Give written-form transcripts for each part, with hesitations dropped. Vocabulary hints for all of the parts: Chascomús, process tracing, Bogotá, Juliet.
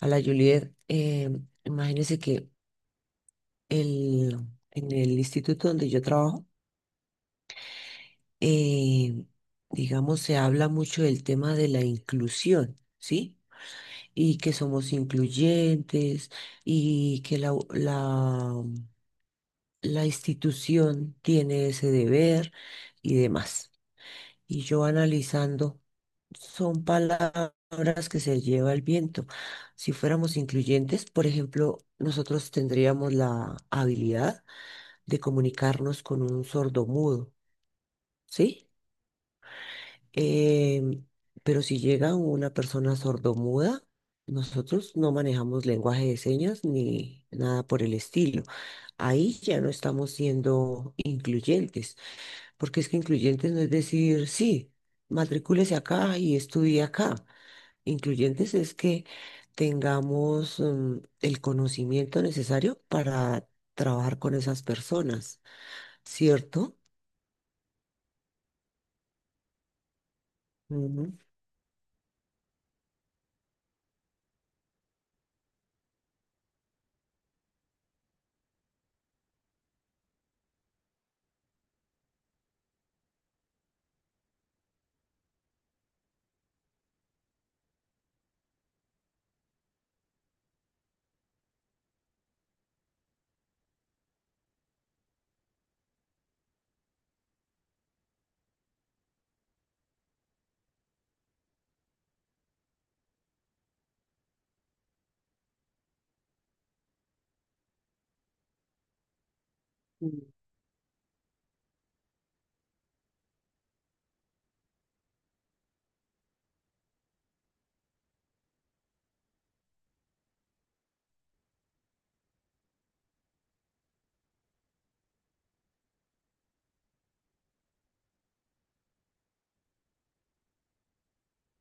A la Juliet, imagínense que el, en el instituto donde yo trabajo, eh, digamos, se habla mucho del tema de la inclusión, ¿sí? Y que somos incluyentes y que la institución tiene ese deber y demás. Y yo analizando, son palabras que se lleva el viento. Si fuéramos incluyentes, por ejemplo, nosotros tendríamos la habilidad de comunicarnos con un sordomudo, ¿sí? Em, pero si llega una persona sordomuda, nosotros no manejamos lenguaje de señas ni nada por el estilo. Ahí ya no estamos siendo incluyentes porque es que incluyentes no es decir, sí, matricúlese acá y estudie acá. Incluyentes es que tengamos el conocimiento necesario para trabajar con esas personas, ¿cierto? Ujú. Mm.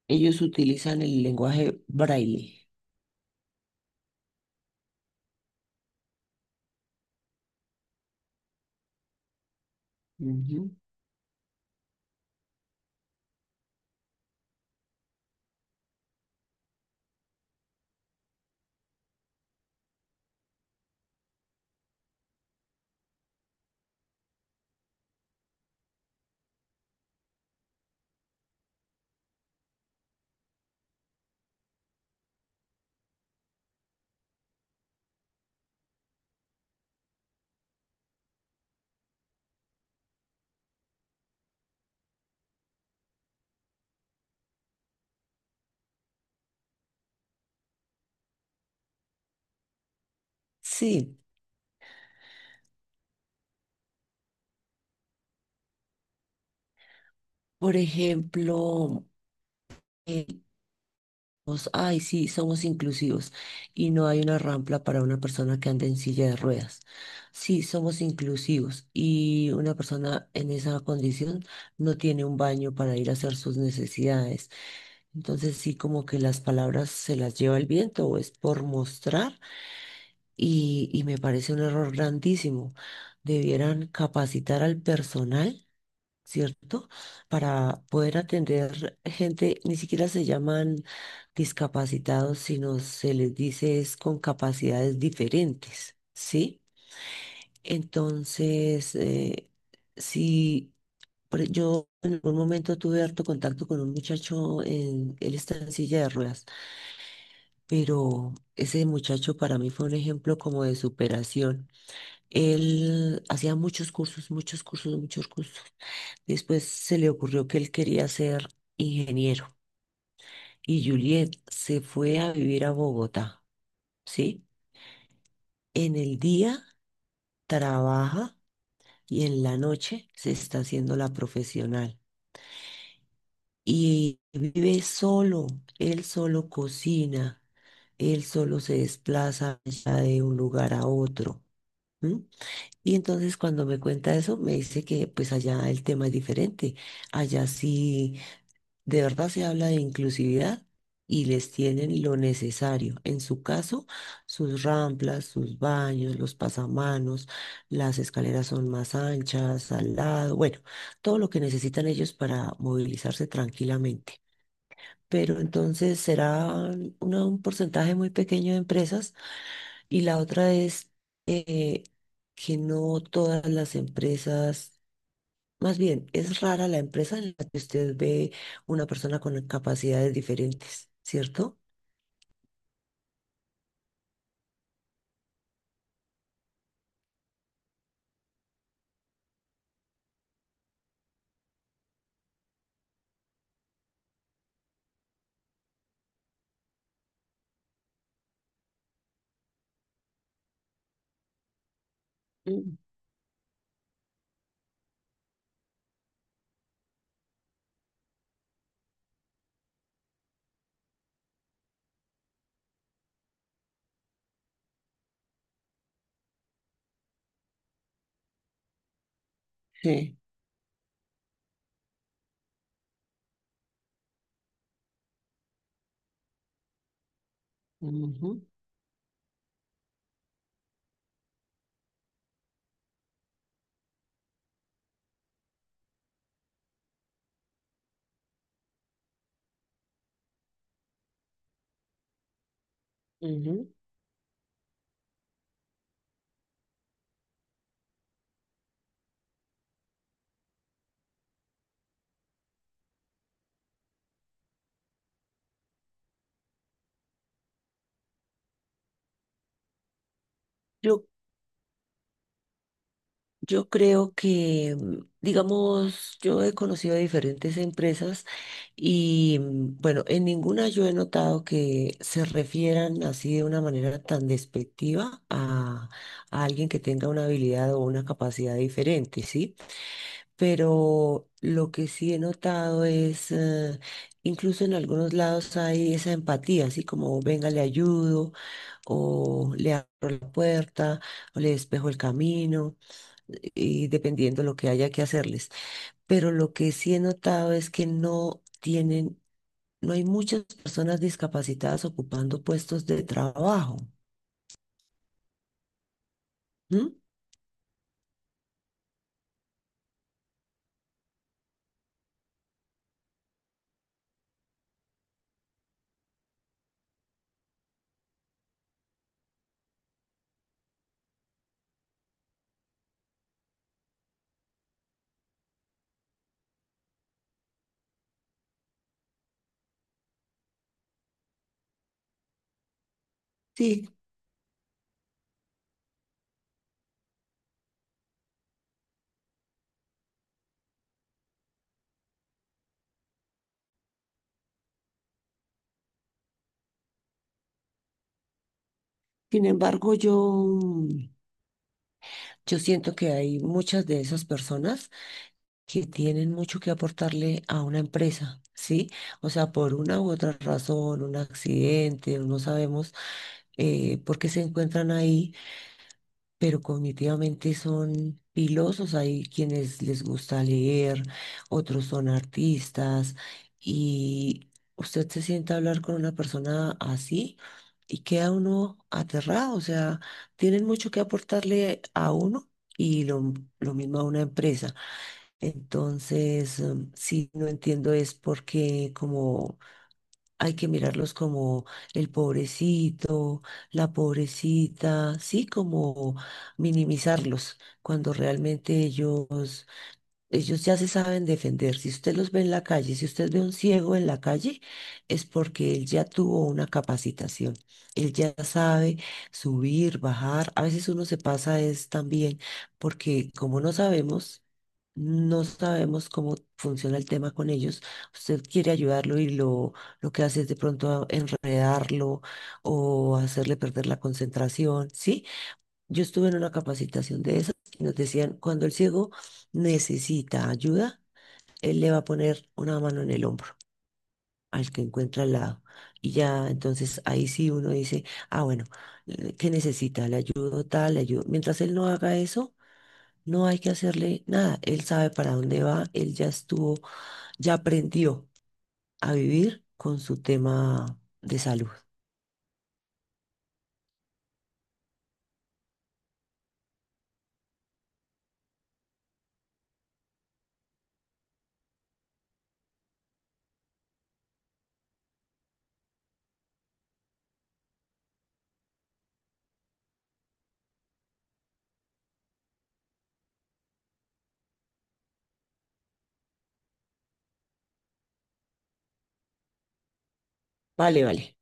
Ellos utilizan el lenguaje braille. Ujú. Sí, por ejemplo. Somos, ay, sí, somos inclusivos y no hay una rampa para una persona que ande en silla de ruedas. Sí, somos inclusivos y una persona en esa condición no tiene un baño para ir a hacer sus necesidades. Entonces sí, como que las palabras se las lleva el viento o es por mostrar y, me parece un error grandísimo. Debieran capacitar al personal, ¿cierto? Para poder atender gente, ni siquiera se llaman discapacitados, sino se les dice es con capacidades diferentes, ¿sí? Entonces, si yo en algún momento tuve harto contacto con un muchacho, en, él está en silla de ruedas, pero ese muchacho para mí fue un ejemplo como de superación. Él hacía muchos cursos, muchos cursos, muchos cursos. Después se le ocurrió que él quería ser ingeniero y Juliet se fue a vivir a Bogotá, ¿sí? En el día trabaja y en la noche se está haciendo la profesional. Y vive solo, él solo cocina, él solo se desplaza ya de un lugar a otro. ¿M? Y entonces cuando me cuenta eso, me dice que pues allá el tema es diferente. Allá sí de verdad se habla de inclusividad y les tienen lo necesario. En su caso, sus ramplas, sus baños, los pasamanos, las escaleras son más anchas, al lado, bueno, todo lo que necesitan ellos para movilizarse tranquilamente. Pero entonces será una- un porcentaje muy pequeño de empresas y la otra es eh, que no todas las empresas más bien, es rara la empresa en la que usted ve una persona con capacidades diferentes, ¿cierto? Mm. Sí. Ujú, ujú. Yo, yo creo que, digamos, yo he conocido diferentes empresas y, bueno, en ninguna yo he notado que se refieran así de una manera tan despectiva a alguien que tenga una habilidad o una capacidad diferente, ¿sí? Pero lo que sí he notado es, incluso en algunos lados hay esa empatía, así como venga, le ayudo, o le abro la puerta, o le despejo el camino, y dependiendo lo que haya que hacerles. Pero lo que sí he notado es que no tienen, no hay muchas personas discapacitadas ocupando puestos de trabajo. ¿M? Sí, sin embargo, yo siento que hay muchas de esas personas que tienen mucho que aportarle a una empresa, ¿sí? O sea, por una u otra razón, un accidente, no sabemos por qué se encuentran ahí, pero cognitivamente son pilosos. Hay quienes les gusta leer, otros son artistas, y usted se sienta a hablar con una persona así. Y queda uno aterrado, o sea, tienen mucho que aportarle a uno y lo mismo a una empresa. Entonces, sí, no entiendo es porque como hay que mirarlos como el pobrecito, la pobrecita, sí, como minimizarlos, cuando realmente ellos, ellos ya se saben defender. Si usted los ve en la calle, si usted ve a un ciego en la calle, es porque él ya tuvo una capacitación. Él ya sabe subir, bajar. A veces uno se pasa es también porque como no sabemos cómo funciona el tema con ellos. Usted quiere ayudarlo y lo que hace es de pronto enredarlo o hacerle perder la concentración, ¿sí? Yo estuve en una capacitación de esas y nos decían, cuando el ciego necesita ayuda, él le va a poner una mano en el hombro al que encuentra al lado. Y ya, entonces ahí sí uno dice, ah, bueno, ¿qué necesita? Le ayudo tal, le ayudo. Mientras él no haga eso, no hay que hacerle nada. Él sabe para dónde va, él ya estuvo, ya aprendió a vivir con su tema de salud. Vale, vale.